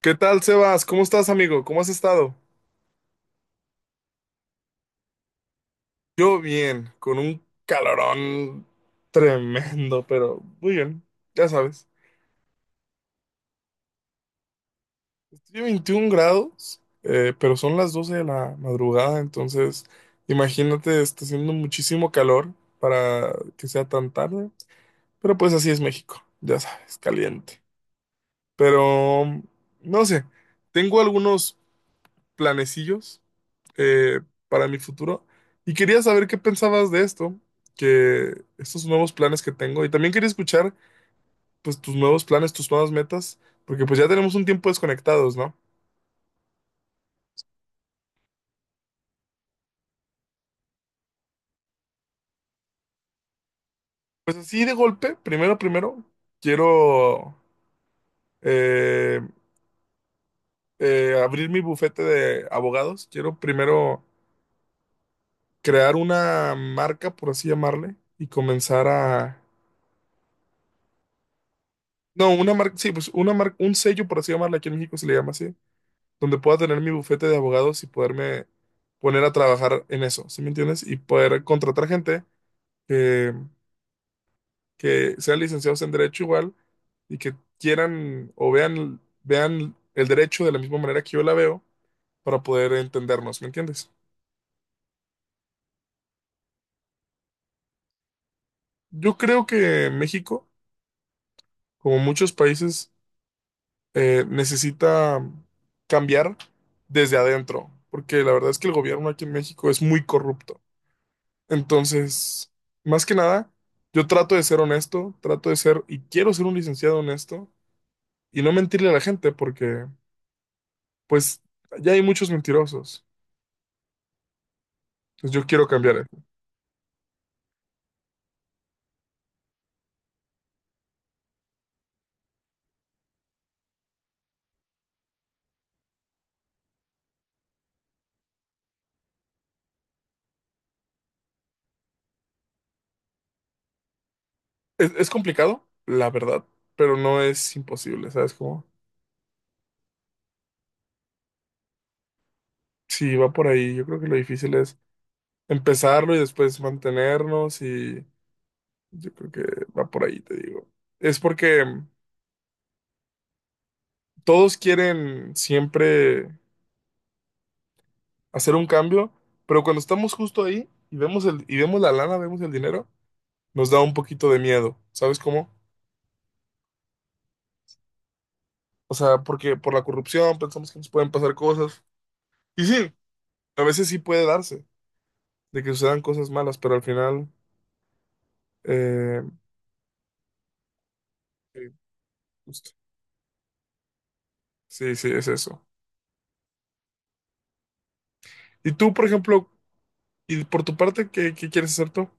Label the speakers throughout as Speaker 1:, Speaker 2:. Speaker 1: ¿Qué tal, Sebas? ¿Cómo estás, amigo? ¿Cómo has estado? Yo bien, con un calorón tremendo, pero muy bien, ya sabes. Estoy a 21 grados, pero son las 12 de la madrugada, entonces imagínate, está haciendo muchísimo calor para que sea tan tarde, pero pues así es México, ya sabes, caliente. Pero, no sé, tengo algunos planecillos eh, para mi futuro. Y quería saber qué pensabas de esto, que estos nuevos planes que tengo. Y también quería escuchar, pues, tus nuevos planes, tus nuevas metas, porque pues ya tenemos un tiempo desconectados, ¿no? Pues así de golpe, primero, quiero eh, abrir mi bufete de abogados. Quiero primero crear una marca, por así llamarle, y comenzar a... No, una marca, sí, pues una marca, un sello, por así llamarle, aquí en México se le llama así, donde pueda tener mi bufete de abogados y poderme poner a trabajar en eso, ¿sí me entiendes? Y poder contratar gente que, que sean licenciados en derecho igual y que quieran o vean el derecho de la misma manera que yo la veo para poder entendernos, ¿me entiendes? Yo creo que México, como muchos países, necesita cambiar desde adentro, porque la verdad es que el gobierno aquí en México es muy corrupto. Entonces, más que nada, yo trato de ser honesto, trato de ser, y quiero ser un licenciado honesto, y no mentirle a la gente, porque, pues, ya hay muchos mentirosos. Entonces, yo quiero cambiar eso. Es complicado, la verdad, pero no es imposible, ¿sabes cómo? Si va por ahí, yo creo que lo difícil es empezarlo y después mantenernos, y yo creo que va por ahí, te digo. Es porque todos quieren siempre hacer un cambio, pero cuando estamos justo ahí y vemos y vemos la lana, vemos el dinero, nos da un poquito de miedo, ¿sabes cómo? O sea, porque por la corrupción pensamos que nos pueden pasar cosas. Y sí, a veces sí puede darse, de que sucedan cosas malas, pero al final, eh, eh, justo. Sí, sí, es eso. Y tú, por ejemplo, y por tu parte, ¿qué quieres hacer tú?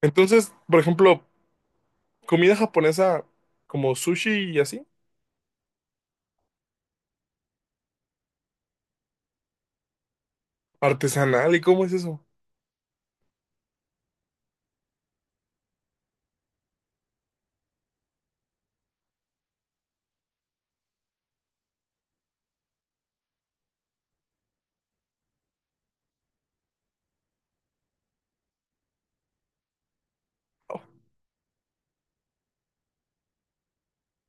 Speaker 1: Entonces, por ejemplo, comida japonesa como sushi y así, artesanal, ¿y cómo es eso?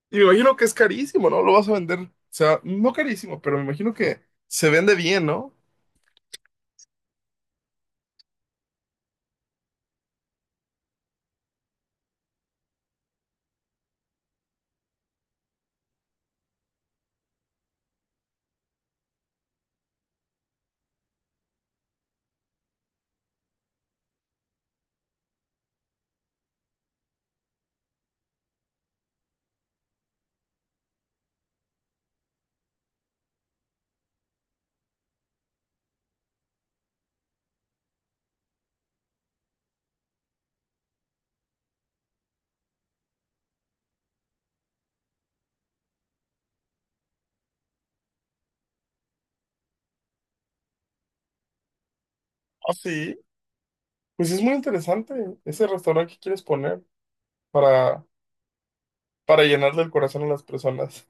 Speaker 1: Y me imagino que es carísimo, ¿no? Lo vas a vender, o sea, no carísimo, pero me imagino que se vende bien, ¿no? Ah, sí. Pues es muy interesante ese restaurante que quieres poner para, para llenarle el corazón a las personas.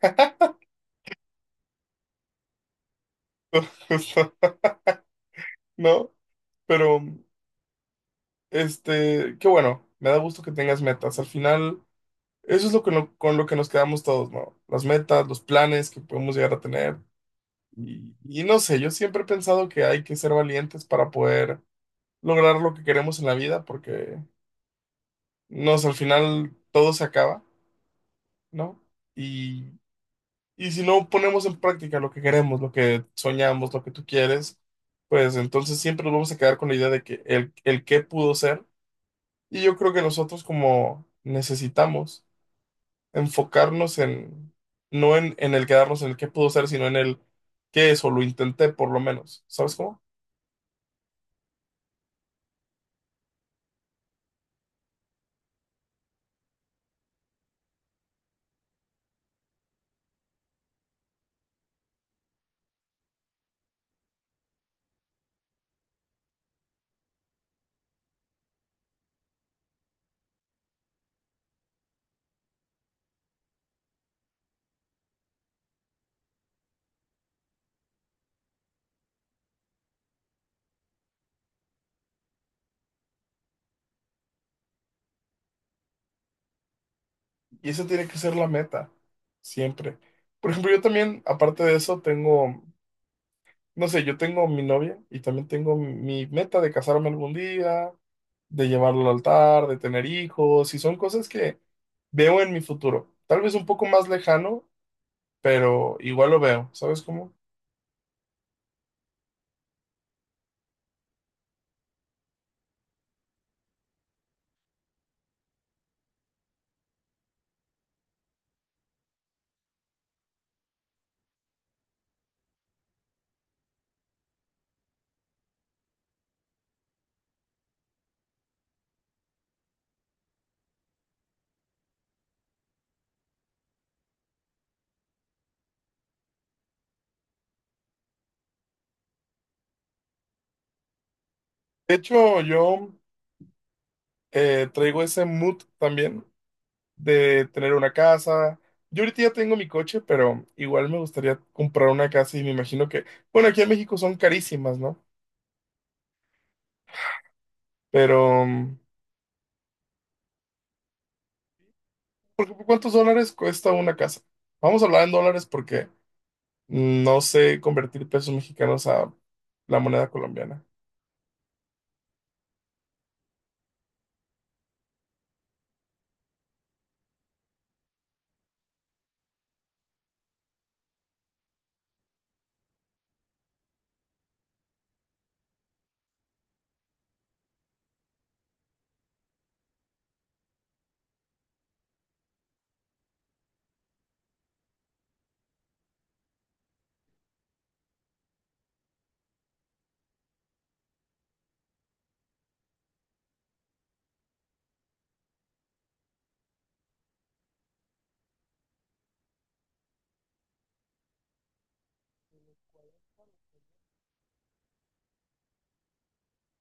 Speaker 1: Justo, ¿no? Pero, este, qué bueno, me da gusto que tengas metas. Al final, eso es lo que con lo que nos quedamos todos, ¿no? Las metas, los planes que podemos llegar a tener. Y no sé, yo siempre he pensado que hay que ser valientes para poder lograr lo que queremos en la vida, porque, no sé, al final todo se acaba, ¿no? Y, y si no ponemos en práctica lo que queremos, lo que soñamos, lo que tú quieres, pues entonces siempre nos vamos a quedar con la idea de que el qué pudo ser. Y yo creo que nosotros como necesitamos enfocarnos en, no en, el quedarnos en el qué pudo ser, sino en el qué es o lo intenté por lo menos, ¿sabes cómo? Y eso tiene que ser la meta, siempre. Por ejemplo, yo también, aparte de eso, tengo, no sé, yo tengo mi novia y también tengo mi meta de casarme algún día, de llevarlo al altar, de tener hijos, y son cosas que veo en mi futuro. Tal vez un poco más lejano, pero igual lo veo, ¿sabes cómo? De hecho, yo traigo ese mood también de tener una casa. Yo ahorita ya tengo mi coche, pero igual me gustaría comprar una casa y me imagino que, bueno, aquí en México son carísimas, ¿no? Pero, por ejemplo, ¿cuántos dólares cuesta una casa? Vamos a hablar en dólares porque no sé convertir pesos mexicanos a la moneda colombiana.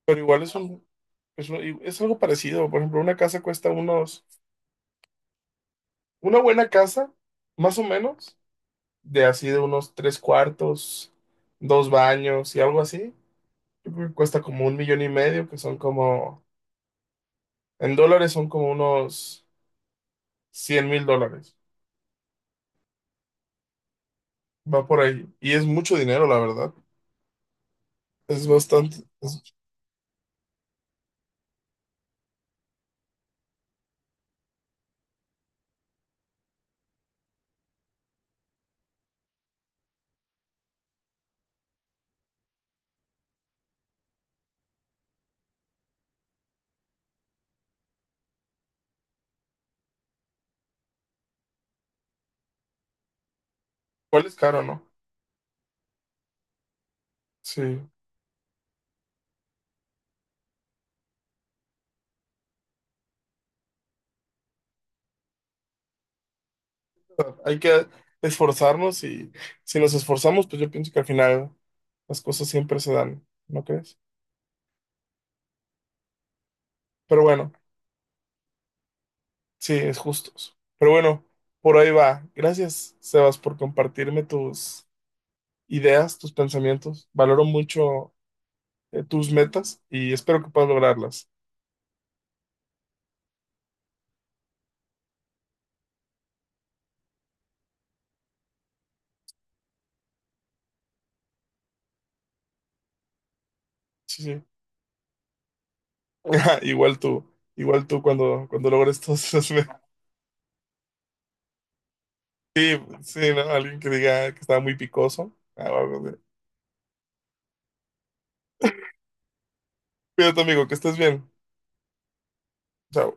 Speaker 1: Pero igual es un, es algo parecido. Por ejemplo, una casa cuesta unos, una buena casa, más o menos, de así de unos tres cuartos, dos baños y algo así. Yo creo que cuesta como un millón y medio, que son como, en dólares son como unos 100,000 dólares. Va por ahí. Y es mucho dinero, la verdad. Es bastante. Es- igual es caro, ¿no? Sí. O sea, hay que esforzarnos y si nos esforzamos, pues yo pienso que al final las cosas siempre se dan, ¿no crees? Pero bueno, sí, es justos. Pero bueno, por ahí va. Gracias, Sebas, por compartirme tus ideas, tus pensamientos. Valoro mucho, tus metas y espero que puedas lograrlas. Sí, sí. Igual tú, igual tú, cuando logres todos los... me- Sí, sí, ¿no? Alguien que diga que estaba muy picoso. Ah, va, va, va. Cuídate, amigo, que estés bien. Chao.